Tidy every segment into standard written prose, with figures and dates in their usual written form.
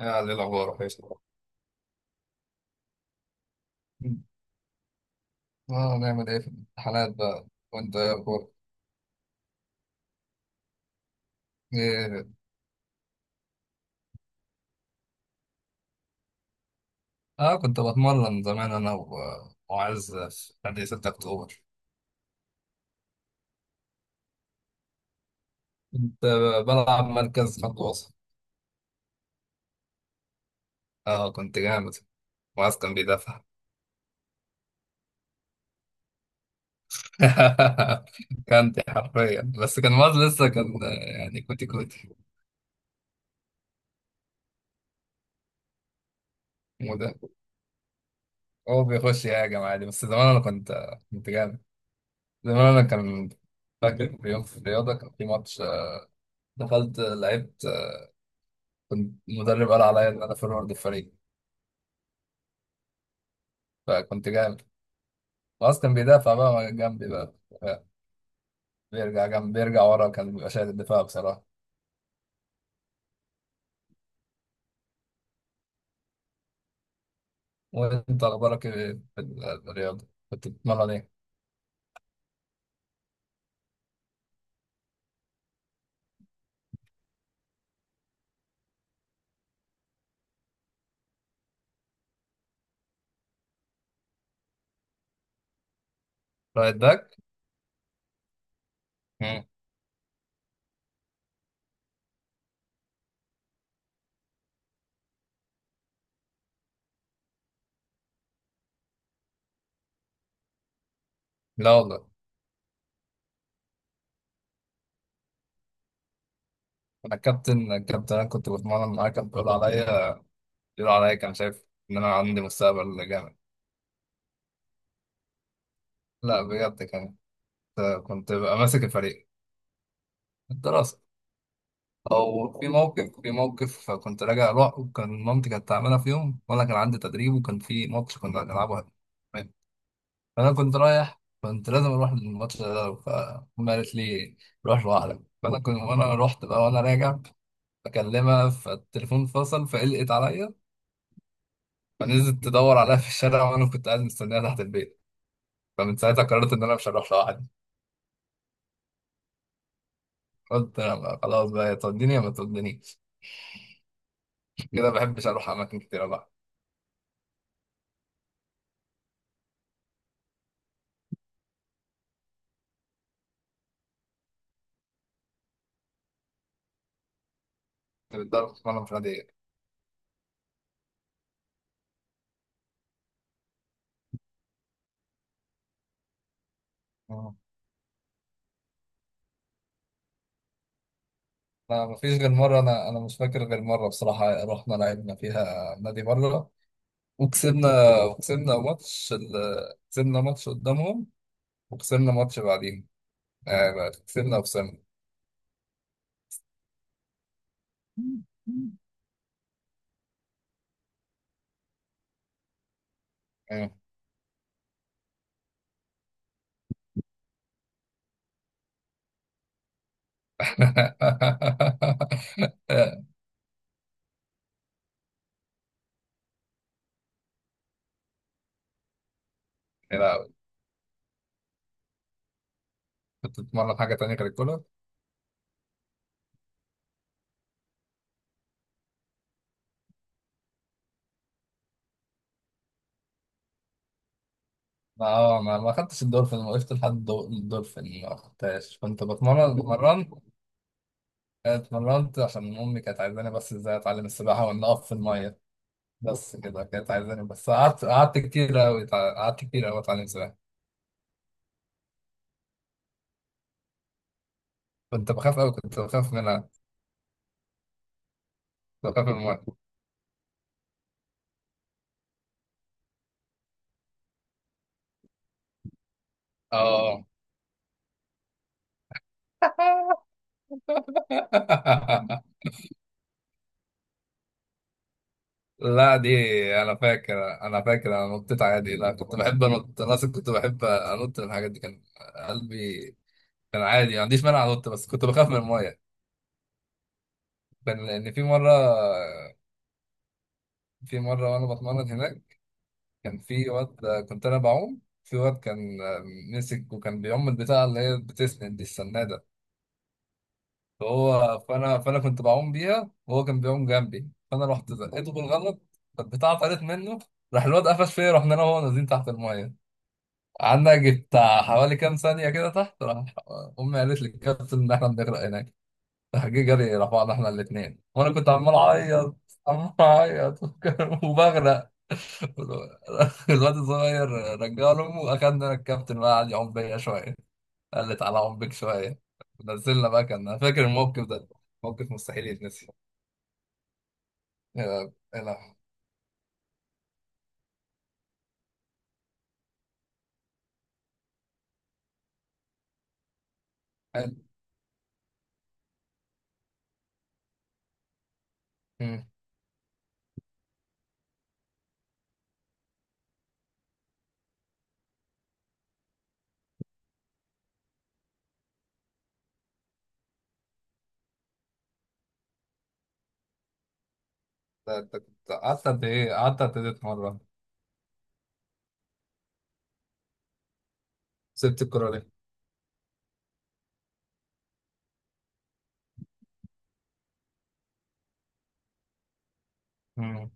يعني الأخبار كويس. آه، نعمل إيه في الامتحانات بقى. وأنت إيه أخبارك؟ إيه؟ آه، كنت بتمرن زمان أنا وعز في نادي 6 أكتوبر. كنت بلعب مركز خط وسط. آه، كنت جامد، وعز كان بيدافع. كانت حرفيا، بس كان وعز لسه كان، يعني كوتي كوتي. وده هو بيخش يهاجم عادي، بس زمان أنا كنت، كنت جامد. زمان أنا كان. فاكر في يوم في الرياضة كان في ماتش، دخلت لعبت. كنت المدرب قال عليا ان انا فورورد الفريق، فكنت جامد. خلاص كان بيدافع بقى جنبي بقى، بيرجع جنب، بيرجع ورا، كان بيبقى شايل الدفاع بصراحة. وانت اخبارك ايه؟ في ال- الرياضة كنت بتتمرن ايه؟ رايت باك؟ مم. لا والله. انا الكابتن، الكابتن انا كنت بتمرن معاه، كان بيقول عليا، بيقول عليا كان شايف ان انا عندي مستقبل جامد. لا بجد كان. كنت ببقى ماسك الفريق. الدراسة. او في موقف، في موقف كنت راجع رعب، كان مامتي كانت تعملها في يوم، وانا كان عندي تدريب وكان في ماتش كنا هنلعبه. فانا كنت رايح، كنت لازم اروح للماتش ده، فأمي قالت لي روح لوحدك. فانا كنت وانا رحت بقى، وانا راجع بكلمها فالتليفون فصل، فقلقت عليا، فنزلت تدور عليها في الشارع، وانا كنت قاعد مستنيها تحت البيت. فمن ساعتها قررت ان انا مش هروح لوحدي. قلت أنا خلاص بقى، يا توديني يا ما تودينيش. كده ما بحبش اروح اماكن كتير بقى. كنت بتضرب وانا مش عادي. انا مفيش غير مره، انا مش فاكر غير مره بصراحه، رحنا لعبنا فيها نادي مره وكسبنا. وكسبنا ماتش كسبنا ماتش قدامهم، وكسبنا ماتش بعدين. آه، كسبنا وخسرنا. آه. لا، كنت بتتمرن حاجه تانية غير الكوره؟ اه، ما خدتش الدولفين، ما وقفت لحد الدولفين، ما خدتهاش. كنت بتمرن، اتمرنت. اتمرنت عشان امي كانت عايزاني، بس ازاي اتعلم السباحه وان اقف في الميه. بس كده كانت عايزاني. بس قعدت، قعدت كتير أوي، قعدت كتير أوي أتعلم سباحة. كنت بخاف أوي، كنت بخاف منها. كنت بخاف من المية. آه. لا دي، أنا فاكر، أنا فاكر أنا نطيت عادي. لا، كنت بحب أنط. أنا أصلا كنت بحب أنط من الحاجات دي. كان قلبي كان عادي، ما عنديش مانع أنط، بس كنت بخاف من المية. كان لأن في مرة، في مرة وأنا بتمرن هناك كان في واد. كنت أنا بعوم في واد، كان مسك، وكان بيعم البتاعة اللي هي بتسند دي، السنادة. هو، فانا كنت بعوم بيها، وهو كان بيعوم جنبي، فانا رحت زقته بالغلط، فالبتاعه طارت منه. راح الواد قفش فيا، رحنا انا وهو نازلين تحت الميه. قعدنا يجي بتاع حوالي كام ثانيه كده تحت. راح امي قالت للكابتن ان احنا بنغرق هناك، راح جه جري راح بعض احنا الاثنين، وانا كنت عمال اعيط، عمال اعيط وبغرق الواد الصغير. رجع له امه، اخدنا الكابتن بقى قعد يعوم بيا شويه. قلت على عمك شوية. نزلنا بقى. كان أنا فاكر الموقف ده، موقف مستحيل يتنسي. يا لا. حلو. أمم. قعدت قد إيه، قعدت قد إيه مرة؟ سبت الكرة ليه؟ أمم.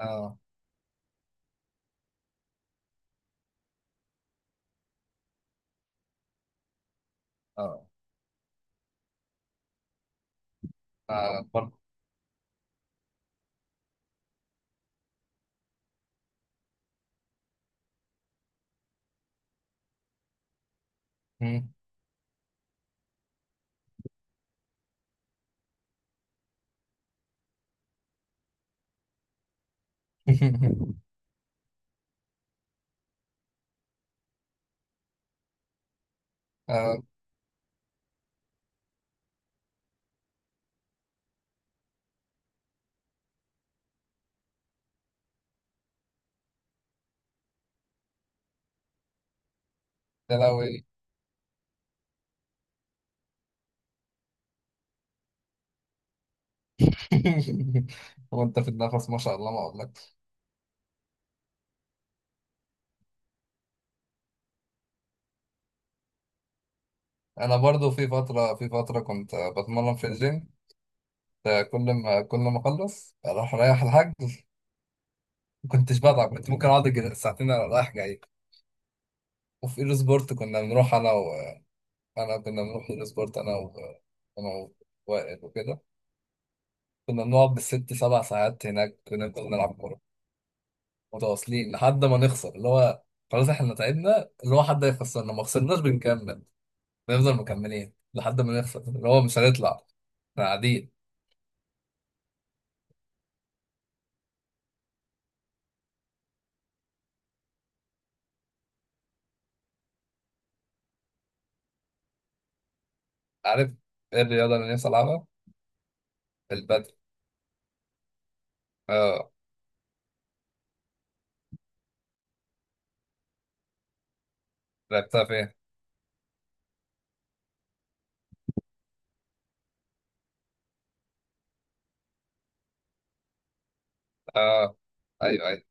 آه. آه. آه برضه. أمم. آه. يا لهوي. وأنت في النفس ما شاء الله ما أقولكش. أنا برضو في فترة، في فترة كنت بتمرن في الجيم. ده كل ما أخلص أروح رايح الحاج. ما كنتش بتعب، كنت ممكن أقعد أجي ساعتين رايح جاي. وفي ايرو سبورت كنا بنروح انا و... انا كنا بنروح ايرو سبورت انا و... انا ووائل وكده. كنا بنقعد بالست سبع ساعات هناك ونفضل نلعب كورة متواصلين لحد ما نخسر، اللي هو خلاص احنا تعبنا، اللي هو حد هيخسرنا. ما خسرناش بنكمل، بنفضل مكملين لحد ما نخسر، اللي هو مش هنطلع، احنا قاعدين. عارف ايه الرياضة اللي نفسي العبها؟ البدل. اه. لعبتها فين؟ اه، ايوه ايوه.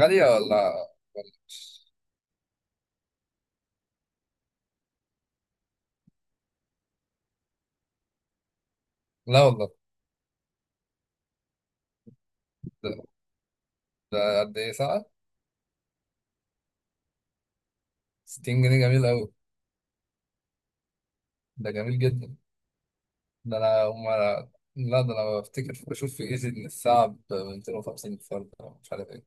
غالية ولا؟ لا والله. ده، ده قد ايه ساعة؟ 60 جنيه جميل قوي. ده جميل جدا. ده انا ما لا، ده انا بفتكر بشوف في ايزي ان الساعه ب 250 فرد، أو مش عارف ايه،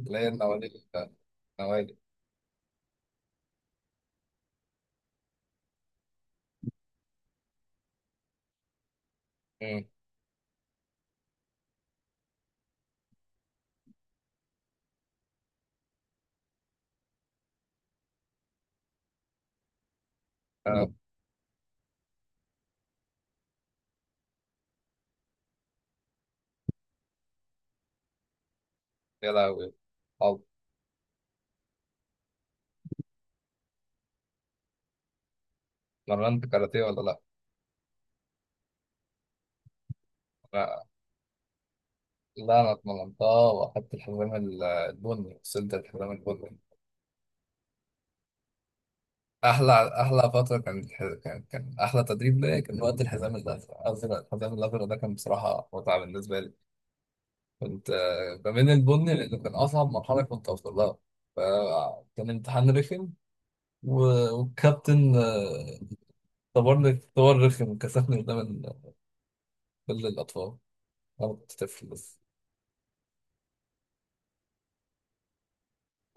اللي هي النوادي. النوادي. امم. آه. يا لهوي. طب اتمرنت كاراتيه ولا لا؟ لا. لا انا اتمرنتها واخدت الحزام البني، وصلت الحزام البني. احلى، احلى فتره كانت، كان، كان احلى تدريب ليا كان وقت الحزام الازرق. الازرق، الحزام الازرق ده كان بصراحه متعه بالنسبه لي. كنت آه، بميل البني لانه كان اصعب مرحله كنت اوصل لها. فكان امتحان رخم، والكابتن آه، اختبرني اختبار رخم، كسفني قدام كل الأطفال. أنا كنت طفل بس.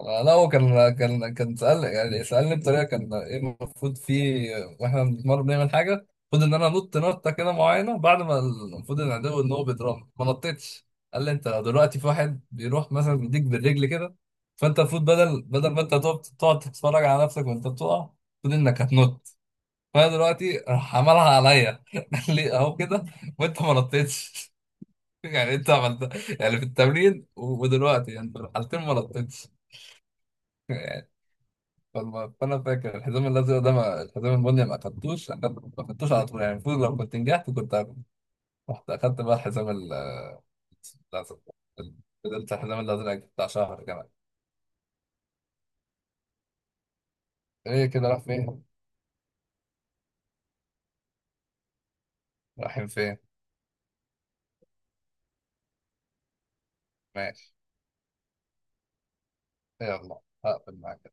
آه، لا هو كان، كان سأل، يعني سألني بطريقة كان إيه المفروض فيه. آه، وإحنا بنتمرن بنعمل حاجة، المفروض إن أنا أنط نطة كده معينة بعد ما، المفروض إن العدو إن هو بيضربني، ما نطيتش. قال لي أنت دلوقتي في واحد بيروح مثلا بيديك بالرجل كده، فأنت المفروض بدل ما أنت تقعد تتفرج على نفسك وأنت بتقع، المفروض إنك هتنط. فانا دلوقتي راح عملها عليا قال لي اهو كده، وانت ما نطيتش. يعني انت عملت، يعني في التمرين ودلوقتي، يعني في الحالتين ما نطيتش. فانا فاكر الحزام الازرق ده، ما الحزام البني ما اخدتوش، ما اخدتوش على طول، يعني المفروض لو كنت نجحت كنت هاخده. رحت اخدت بقى الحزام الازرق. فضلت الحزام الازرق بتاع شهر كمان. ايه كده راح فين؟ رايحين فين؟ ماشي. يلا هقفل معاك.